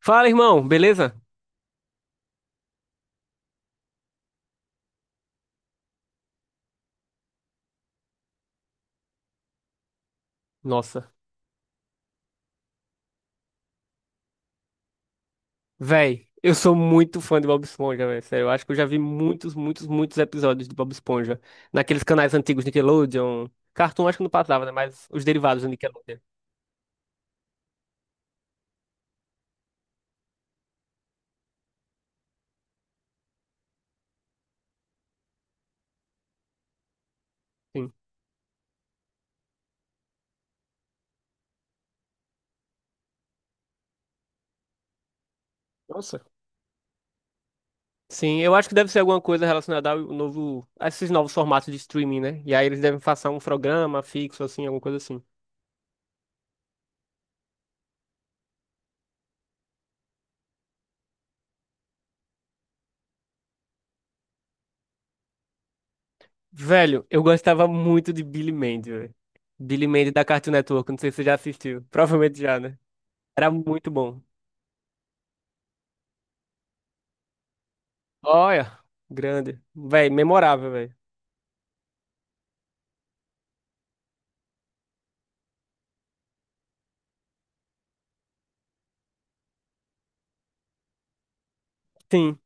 Fala, irmão, beleza? Nossa, véi, eu sou muito fã de Bob Esponja, velho. Sério, eu acho que eu já vi muitos, muitos, muitos episódios de Bob Esponja. Naqueles canais antigos Nickelodeon. Cartoon acho que não passava, né? Mas os derivados do Nickelodeon. Sim. Nossa. Sim, eu acho que deve ser alguma coisa relacionada ao novo, a esses novos formatos de streaming, né? E aí eles devem passar um programa fixo, assim, alguma coisa assim. Velho, eu gostava muito de Billy Mandy, velho. Billy Mandy da Cartoon Network, não sei se você já assistiu. Provavelmente já, né? Era muito bom. Olha, grande. Véi, memorável, véi. Sim,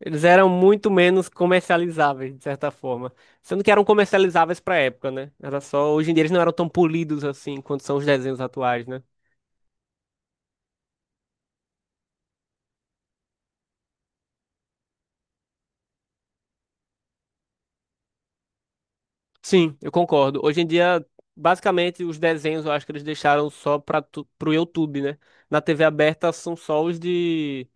eles eram muito menos comercializáveis, de certa forma. Sendo que eram comercializáveis pra época, né? Era só. Hoje em dia eles não eram tão polidos assim quanto são os desenhos atuais, né? Sim, eu concordo. Hoje em dia, basicamente, os desenhos eu acho que eles deixaram só para pro YouTube, né? Na TV aberta são só os de.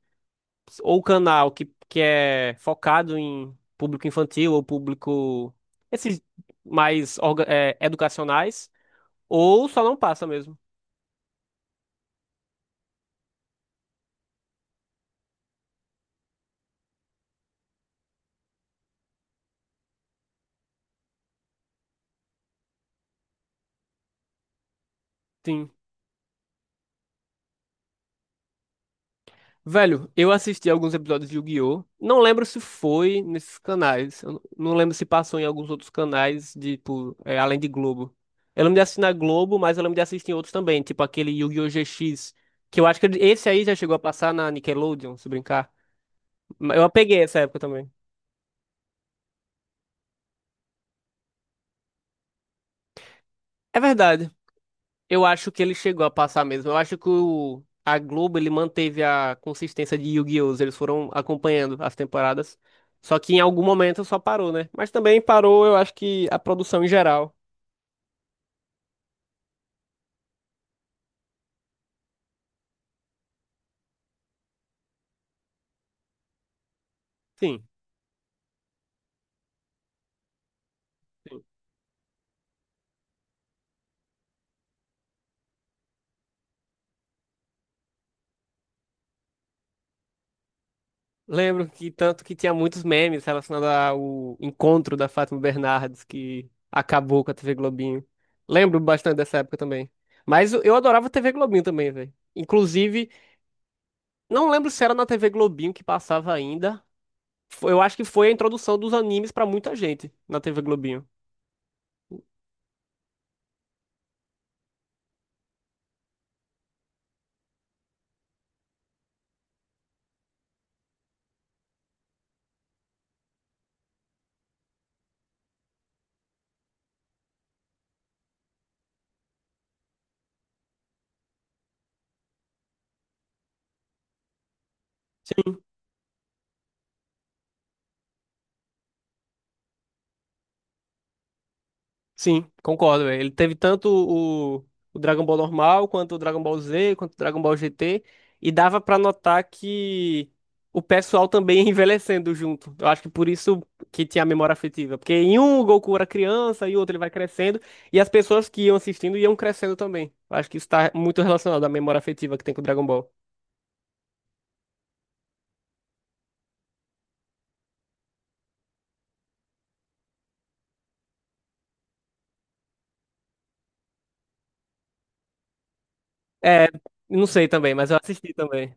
Ou canal que é focado em público infantil ou público. Esses mais educacionais. Ou só não passa mesmo. Sim. Velho, eu assisti alguns episódios de Yu-Gi-Oh! Não lembro se foi nesses canais. Eu não lembro se passou em alguns outros canais, de, tipo, além de Globo. Eu lembro de assistir na Globo, mas eu lembro de assistir em outros também, tipo aquele Yu-Gi-Oh! GX, que eu acho que esse aí já chegou a passar na Nickelodeon, se brincar. Mas eu peguei essa época também. É verdade. Eu acho que ele chegou a passar mesmo. Eu acho que a Globo ele manteve a consistência de Yu-Gi-Oh! Eles foram acompanhando as temporadas. Só que em algum momento só parou, né? Mas também parou, eu acho que a produção em geral. Sim. Sim. Lembro que tanto que tinha muitos memes relacionados ao encontro da Fátima Bernardes, que acabou com a TV Globinho. Lembro bastante dessa época também. Mas eu adorava a TV Globinho também, velho. Inclusive, não lembro se era na TV Globinho que passava ainda. Eu acho que foi a introdução dos animes pra muita gente na TV Globinho. Sim, concordo, velho. Ele teve tanto o Dragon Ball normal, quanto o Dragon Ball Z, quanto o Dragon Ball GT. E dava pra notar que o pessoal também ia envelhecendo junto. Eu acho que por isso que tinha a memória afetiva. Porque em um o Goku era criança, e o outro ele vai crescendo. E as pessoas que iam assistindo iam crescendo também. Eu acho que isso tá muito relacionado à memória afetiva que tem com o Dragon Ball. É, não sei também, mas eu assisti também.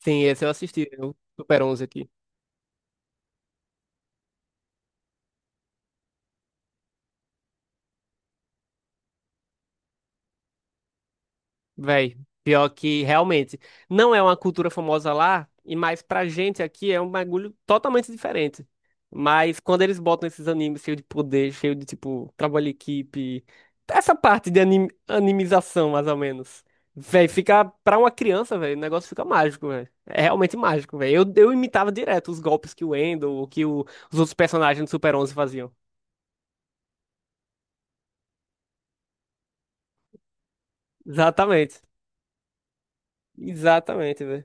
Sim, esse eu assisti, o Super 11 aqui. Véi, pior que realmente não é uma cultura famosa lá, e mais pra gente aqui é um bagulho totalmente diferente. Mas quando eles botam esses animes cheio de poder, cheio de tipo trabalho em equipe, essa parte de animização, mais ou menos. Véi, fica pra uma criança, véi, o negócio fica mágico, véi. É realmente mágico, véi. Eu imitava direto os golpes que o Endo, os outros personagens do Super 11 faziam. Exatamente. Exatamente, velho.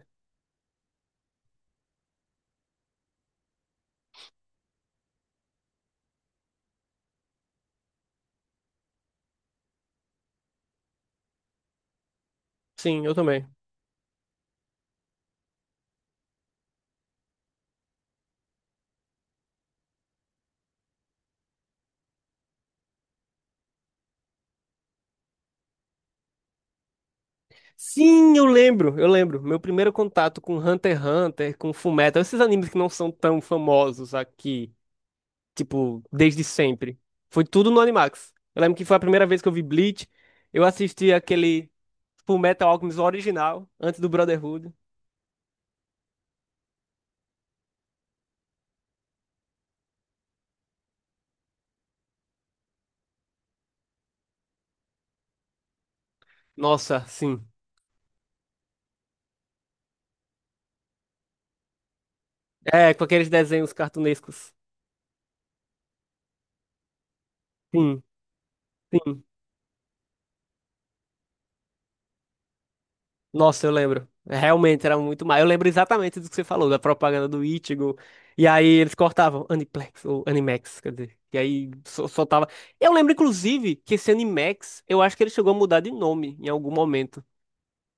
Sim, eu também. Sim, eu lembro, eu lembro. Meu primeiro contato com Hunter x Hunter, com Fullmetal, esses animes que não são tão famosos aqui, tipo, desde sempre. Foi tudo no Animax. Eu lembro que foi a primeira vez que eu vi Bleach. Eu assisti aquele Fullmetal Alchemist original, antes do Brotherhood. Nossa, sim. É, com aqueles desenhos cartunescos. Sim, sim. Nossa, eu lembro. Realmente era muito mal. Eu lembro exatamente do que você falou, da propaganda do Ichigo. E aí eles cortavam Aniplex ou Animax, quer dizer. E aí soltava. Eu lembro, inclusive, que esse Animax, eu acho que ele chegou a mudar de nome em algum momento.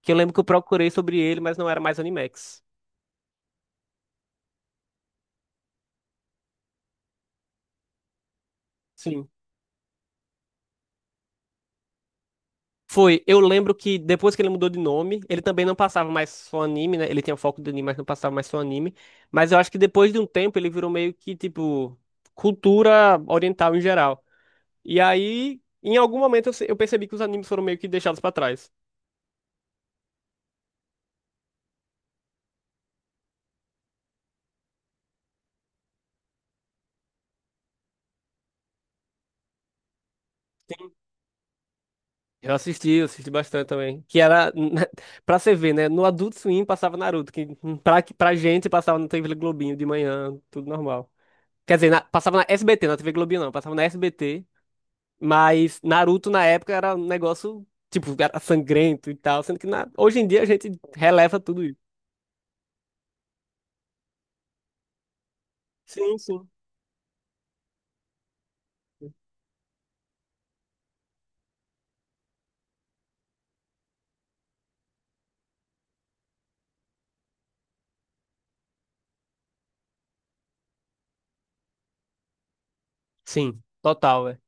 Que eu lembro que eu procurei sobre ele, mas não era mais Animax. Sim. Foi. Eu lembro que depois que ele mudou de nome, ele também não passava mais só anime, né? Ele tinha foco do anime, mas não passava mais só anime. Mas eu acho que depois de um tempo ele virou meio que, tipo, cultura oriental em geral. E aí, em algum momento, eu, se- eu percebi que os animes foram meio que deixados pra trás. Eu assisti bastante também. Que era, pra você ver, né? No Adult Swim passava Naruto, que pra gente passava na TV Globinho de manhã, tudo normal. Quer dizer, passava na SBT, na TV Globinho não, passava na SBT. Mas Naruto na época era um negócio, tipo, era sangrento e tal. Sendo que hoje em dia a gente releva tudo isso. Sim, sim. Sim, total, é.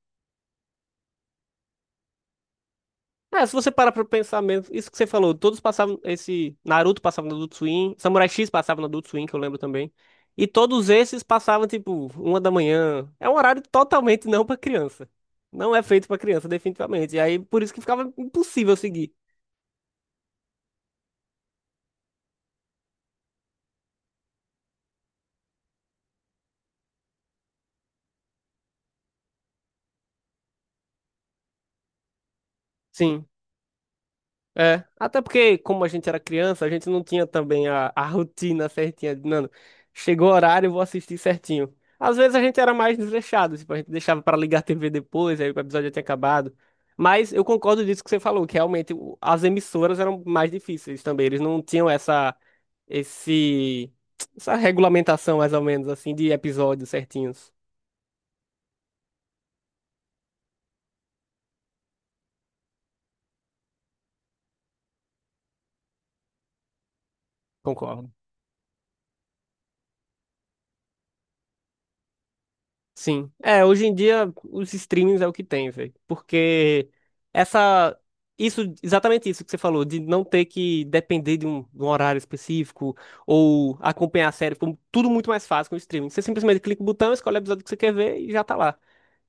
É, se você parar pra pensar mesmo, isso que você falou, todos passavam, esse Naruto passava no Adult Swim, Samurai X passava no Adult Swim, que eu lembro também. E todos esses passavam, tipo, uma da manhã. É um horário totalmente não pra criança. Não é feito pra criança, definitivamente. E aí, por isso que ficava impossível seguir. Sim. É, até porque, como a gente era criança, a gente não tinha também a rotina certinha Mano, chegou o horário, eu vou assistir certinho. Às vezes a gente era mais desleixado, tipo, a gente deixava pra ligar a TV depois, aí o episódio já tinha acabado. Mas eu concordo disso que você falou, que realmente as emissoras eram mais difíceis também. Eles não tinham esse, essa regulamentação, mais ou menos, assim, de episódios certinhos. Concordo. Sim. É, hoje em dia os streamings é o que tem, velho. Porque essa isso exatamente isso que você falou, de não ter que depender de um horário específico ou acompanhar a série, ficou tudo muito mais fácil com o streaming. Você simplesmente clica o botão, escolhe o episódio que você quer ver e já tá lá.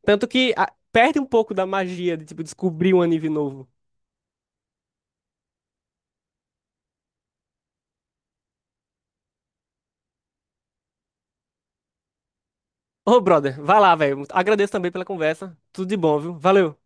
Tanto que perde um pouco da magia de tipo descobrir um anime novo. Ô, brother, vai lá, velho. Agradeço também pela conversa. Tudo de bom, viu? Valeu.